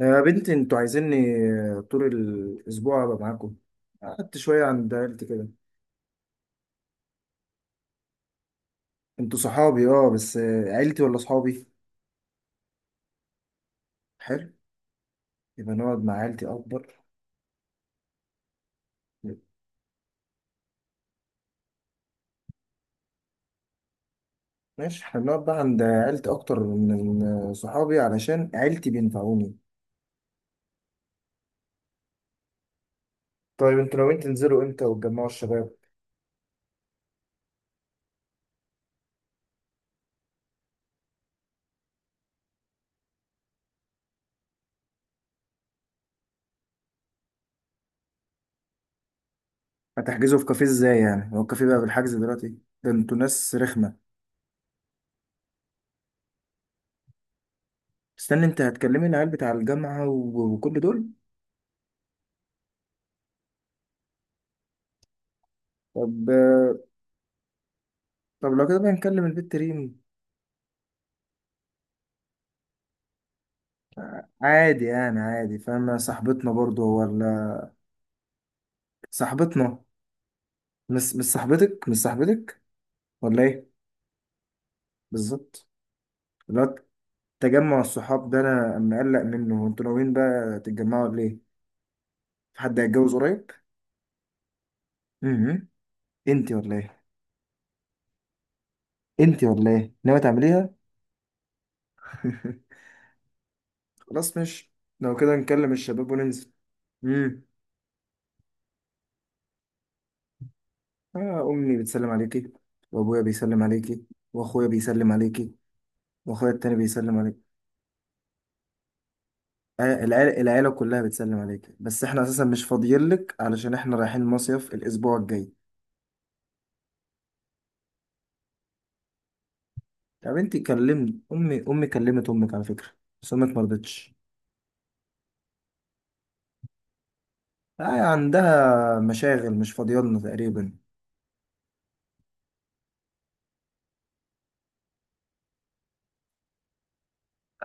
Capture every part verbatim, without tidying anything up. يا بنتي انتوا عايزيني طول الاسبوع ابقى معاكم. قعدت شويه عند عيلتي كده. انتوا صحابي اه، بس عيلتي ولا صحابي؟ حلو، يبقى نقعد مع عيلتي اكبر. ماشي، احنا بنقعد بقى عند عيلتي اكتر من صحابي علشان عيلتي بينفعوني. طيب انتوا ناويين تنزلوا امتى وتجمعوا الشباب؟ هتحجزوا في كافيه ازاي؟ يعني هو الكافيه بقى بالحجز دلوقتي؟ ده انتوا ناس رخمه. استنى، انت هتكلمي العيال بتاع الجامعه و- وكل دول؟ طب طب لو كده بقى نكلم البت ريم. عادي يعني، عادي، فاهم؟ صاحبتنا برضو ولا؟ صاحبتنا. مش مش صاحبتك، مش صاحبتك ولا ايه؟ بالظبط. اللي هو تجمع الصحاب ده انا مقلق منه، انتوا ناويين بقى تتجمعوا ولا ايه؟ في حد هيتجوز قريب؟ امم، انتي ولا ايه؟ انتي ولا ايه، ناوي تعمليها؟ خلاص مش. لو كده نكلم الشباب وننزل. امم. آه، امي بتسلم عليكي وابويا بيسلم عليكي واخويا بيسلم عليكي واخويا التاني بيسلم عليكي. العيلة, العيلة كلها بتسلم عليك، بس احنا اساسا مش فاضيين لك علشان احنا رايحين مصيف الاسبوع الجاي. طب انت كلمت امي، امي كلمت امك على فكرة، بس امك ما رضتش. آه، عندها مشاغل، مش فاضيالنا تقريبا.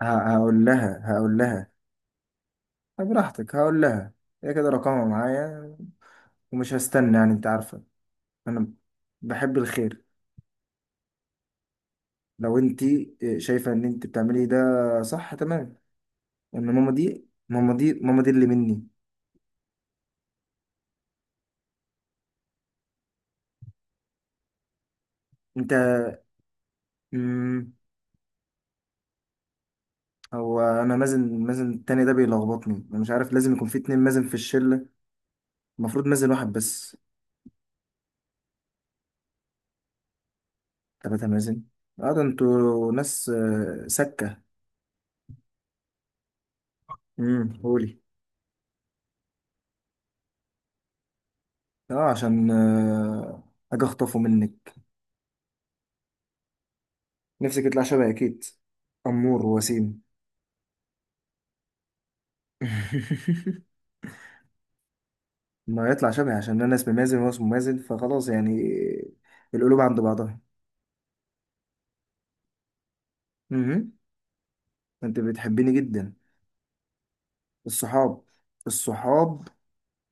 ه- هقول لها هقول لها طب براحتك، هقول لها. هي كده رقمها معايا ومش هستنى، يعني انت عارفة انا بحب الخير. لو انت آه، شايفة ان انت بتعملي ده، صح تمام، ان ماما دي، ماما دي ماما دي اللي مني. انت. مم. هو انا مازن مازن التاني ده بيلخبطني، انا مش عارف لازم يكون في اتنين مازن في الشله؟ المفروض مازن واحد بس. تلاتة مازن؟ اه ده انتوا ناس آه، سكه. امم، قولي. اه، عشان آه، اجي اخطفه منك. نفسك يطلع شبهي اكيد. امور وسيم. ما يطلع شبهي عشان انا اسمي مازن وهو اسمه مازن فخلاص يعني، القلوب عند بعضها. امم. انت بتحبيني جدا. الصحاب، الصحاب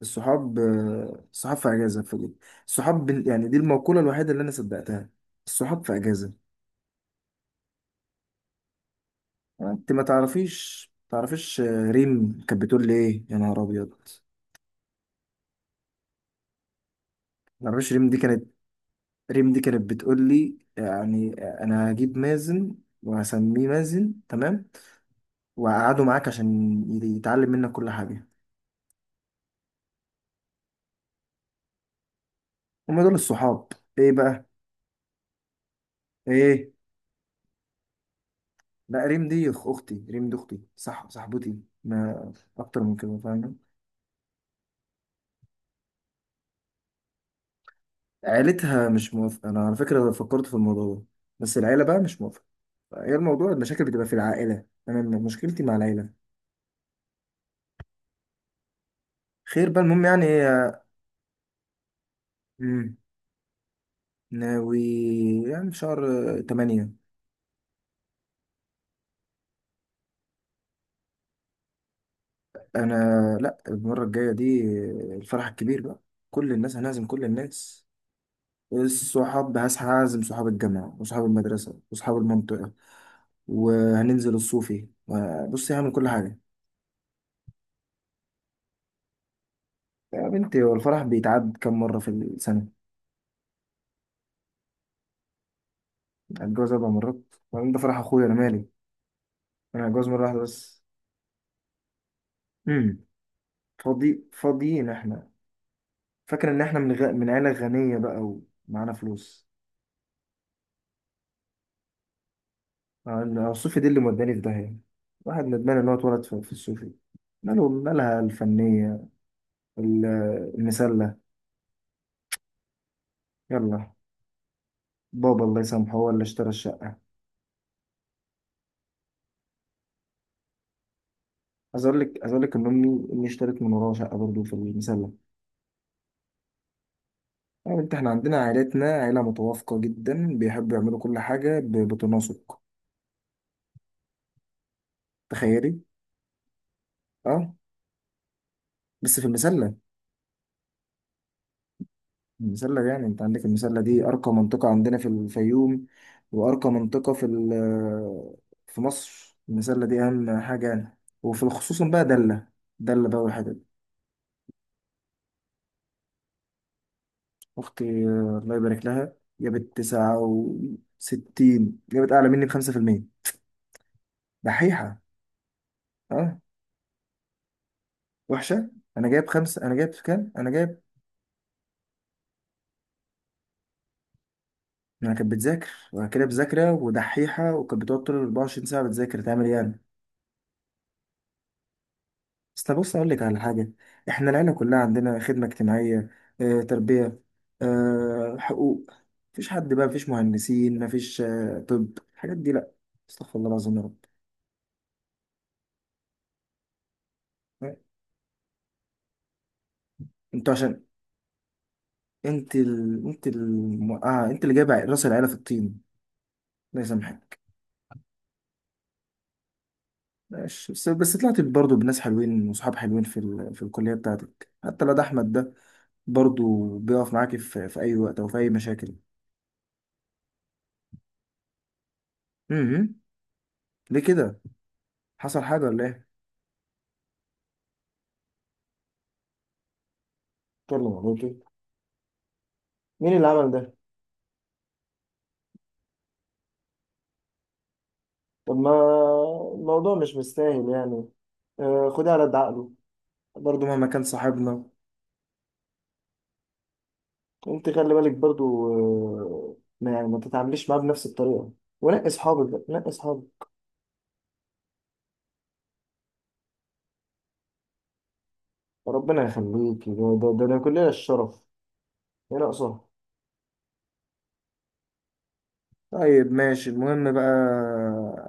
الصحاب آه، الصحاب في اجازه في دي. الصحاب بال- يعني دي المقوله الوحيده اللي انا صدقتها. الصحاب في اجازه. انت ما تعرفيش، تعرفيش آه، ريم كانت بتقول لي ايه يا نهار ابيض. ما تعرفيش ريم دي كانت، ريم دي كانت بتقول لي يعني آه، انا هجيب مازن وهسميه مازن، تمام؟ وهقعده معاك عشان ي- يتعلم منك كل حاجه. هم دول الصحاب. ايه بقى؟ ايه؟ لا ريم دي أخ- اختي، ريم دي اختي، صح، صاحبتي ما اكتر من كده، فاهم؟ عيلتها مش موافقة. أنا على فكرة فكرت في الموضوع ده، بس العيلة بقى مش موافقة. هي الموضوع، المشاكل بتبقى في العائلة، أنا م- مشكلتي مع العيلة. خير بقى، المهم يعني إيه؟ مم. ناوي، يعني في شهر آه، تمانية. أنا، لأ المرة الجاية دي، آه، الفرح الكبير بقى، كل الناس هنعزم، كل الناس. الصحاب، هسعى أعزم صحاب الجامعة وصحاب المدرسة وصحاب المنطقة، وهننزل الصوفي. بص، هعمل كل حاجة. يا بنتي هو الفرح بيتعاد كم مرة في السنة؟ هتجوز أربع مرات؟ وبعدين ده فرح أخويا، أنا مالي؟ أنا هتجوز مرة واحدة بس. امم. فاضي، فاضيين إحنا؟ فاكر إن إحنا من غ... من عيلة غنية بقى ومعانا فلوس؟ أنا الصوفي دي اللي موداني في داهية. واحد ندمان إن هو اتولد في, في الصوفي. ماله مالها الفنية؟ ال- المسلة. يلا. بابا الله يسامحه هو اللي اشترى الشقة. عايز أقول لك، عايز أقول لك إن أمي، أمي اشترت من وراها شقة برضه في المسلة. يا بنت إحنا عندنا عائلتنا عائلة متوافقة جدا، بيحبوا يعملوا كل حاجة ب- بتناسق. تخيلي. اه، بس في المسلة. المسلة يعني، انت عندك المسلة دي ارقى منطقة عندنا في الفيوم، وارقى منطقة في ال- آه، في مصر. المسلة دي اهم حاجة يعني، وفي الخصوص بقى دلة. دلة بقى والحاجات دي. اختي آه، الله يبارك لها، جابت تسعة وستين، جابت اعلى مني بخمسة في المية. دحيحة. اه، وحشة. انا جايب خمسة، انا جايب كام، انا جايب. انا كانت بتذاكر، وأنا كده بذاكرة، ودحيحة، وكانت بتقعد طول 24 ساعة بتذاكر، تعمل إيه يعني؟ بس بص اقول لك على حاجه. احنا العيله كلها عندنا خدمه اجتماعيه، اه، تربيه، اه، حقوق. مفيش حد بقى، مفيش مهندسين، مفيش، اه طب الحاجات دي لا. استغفر الله العظيم يا رب. انتوا عشان، انت ال... انت ال... اه انت اللي جايب راس العيله في الطين. الله يسامحك. ماشي، بس بس طلعت برضه بناس حلوين وصحاب حلوين في ال... في الكليه بتاعتك. حتى لو ده احمد ده، برضه بيقف معاكي في... في اي وقت او في اي مشاكل. امم. ليه كده؟ حصل حاجه ولا ايه؟ والله. مين اللي عمل ده؟ طب ما الموضوع مش مستاهل يعني، آه، خدها على قد عقله. برضه مهما كان صاحبنا. انت خلي بالك برضه، آه، ما يعني ما تتعامليش معاه بنفس الطريقة. ونقي اصحابك بقى، نقي اصحابك. ربنا يخليك، ده، ده, ده, ده كلنا الشرف. ايه ناقصها؟ طيب ماشي، المهم بقى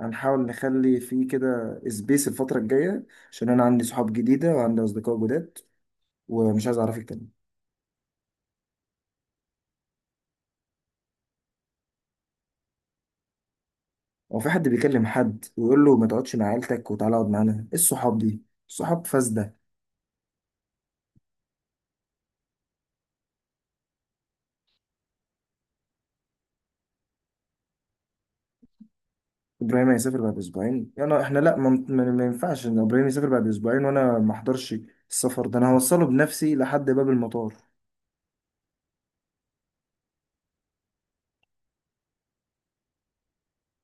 هنحاول نخلي فيه كده سبيس الفترة الجاية، عشان أنا عندي صحاب جديدة وعندي أصدقاء جداد، ومش عايز أعرفك تاني. هو في حد بيكلم حد ويقول له ما تقعدش مع عيلتك وتعالى اقعد معانا؟ ايه الصحاب دي؟ الصحاب فاسده. ابراهيم هيسافر بعد اسبوعين؟ انا، احنا، لا ما, ما ما ينفعش ان ابراهيم يسافر بعد اسبوعين وانا ما احضرش. السفر ده انا هوصله بنفسي لحد باب المطار.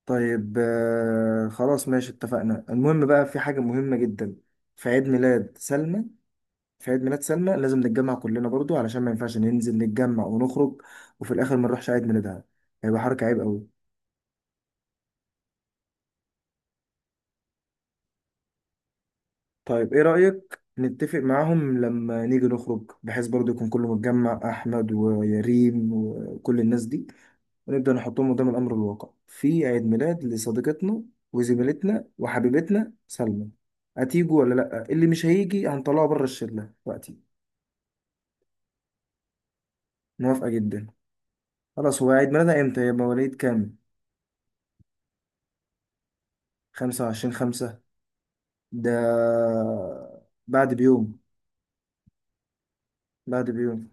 طيب آه خلاص ماشي، اتفقنا. المهم بقى، في حاجه مهمه جدا، في عيد ميلاد سلمى. في عيد ميلاد سلمى لازم نتجمع كلنا برضو، علشان ما ينفعش ننزل نتجمع ونخرج وفي الاخر ما نروحش عيد ميلادها، هيبقى حركه عيب قوي. طيب ايه رأيك نتفق معاهم لما نيجي نخرج، بحيث برضو يكون كله متجمع، احمد ويريم وكل الناس دي، ونبدأ نحطهم قدام الامر الواقع في عيد ميلاد لصديقتنا وزميلتنا وحبيبتنا سلمى. هتيجوا ولا لا؟ اللي مش هيجي هنطلعه بره الشلة وقتي. موافقة جدا. خلاص، هو عيد ميلادها امتى، يبقى مواليد كام؟ خمسة وعشرين خمسة. ده بعد بيوم، بعد بيوم.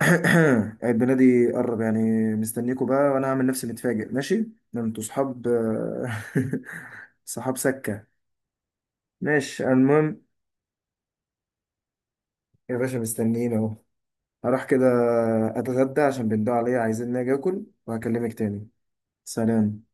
البنادق دي قرب يعني. مستنيكوا بقى، وانا هعمل نفسي متفاجئ. ماشي، ده انتوا صحاب. صحاب سكة. ماشي، المهم. يا باشا مستنيين اهو. هروح كده اتغدى عشان بندوا عليا، عايزين اجي اكل، وهكلمك تاني. سلام.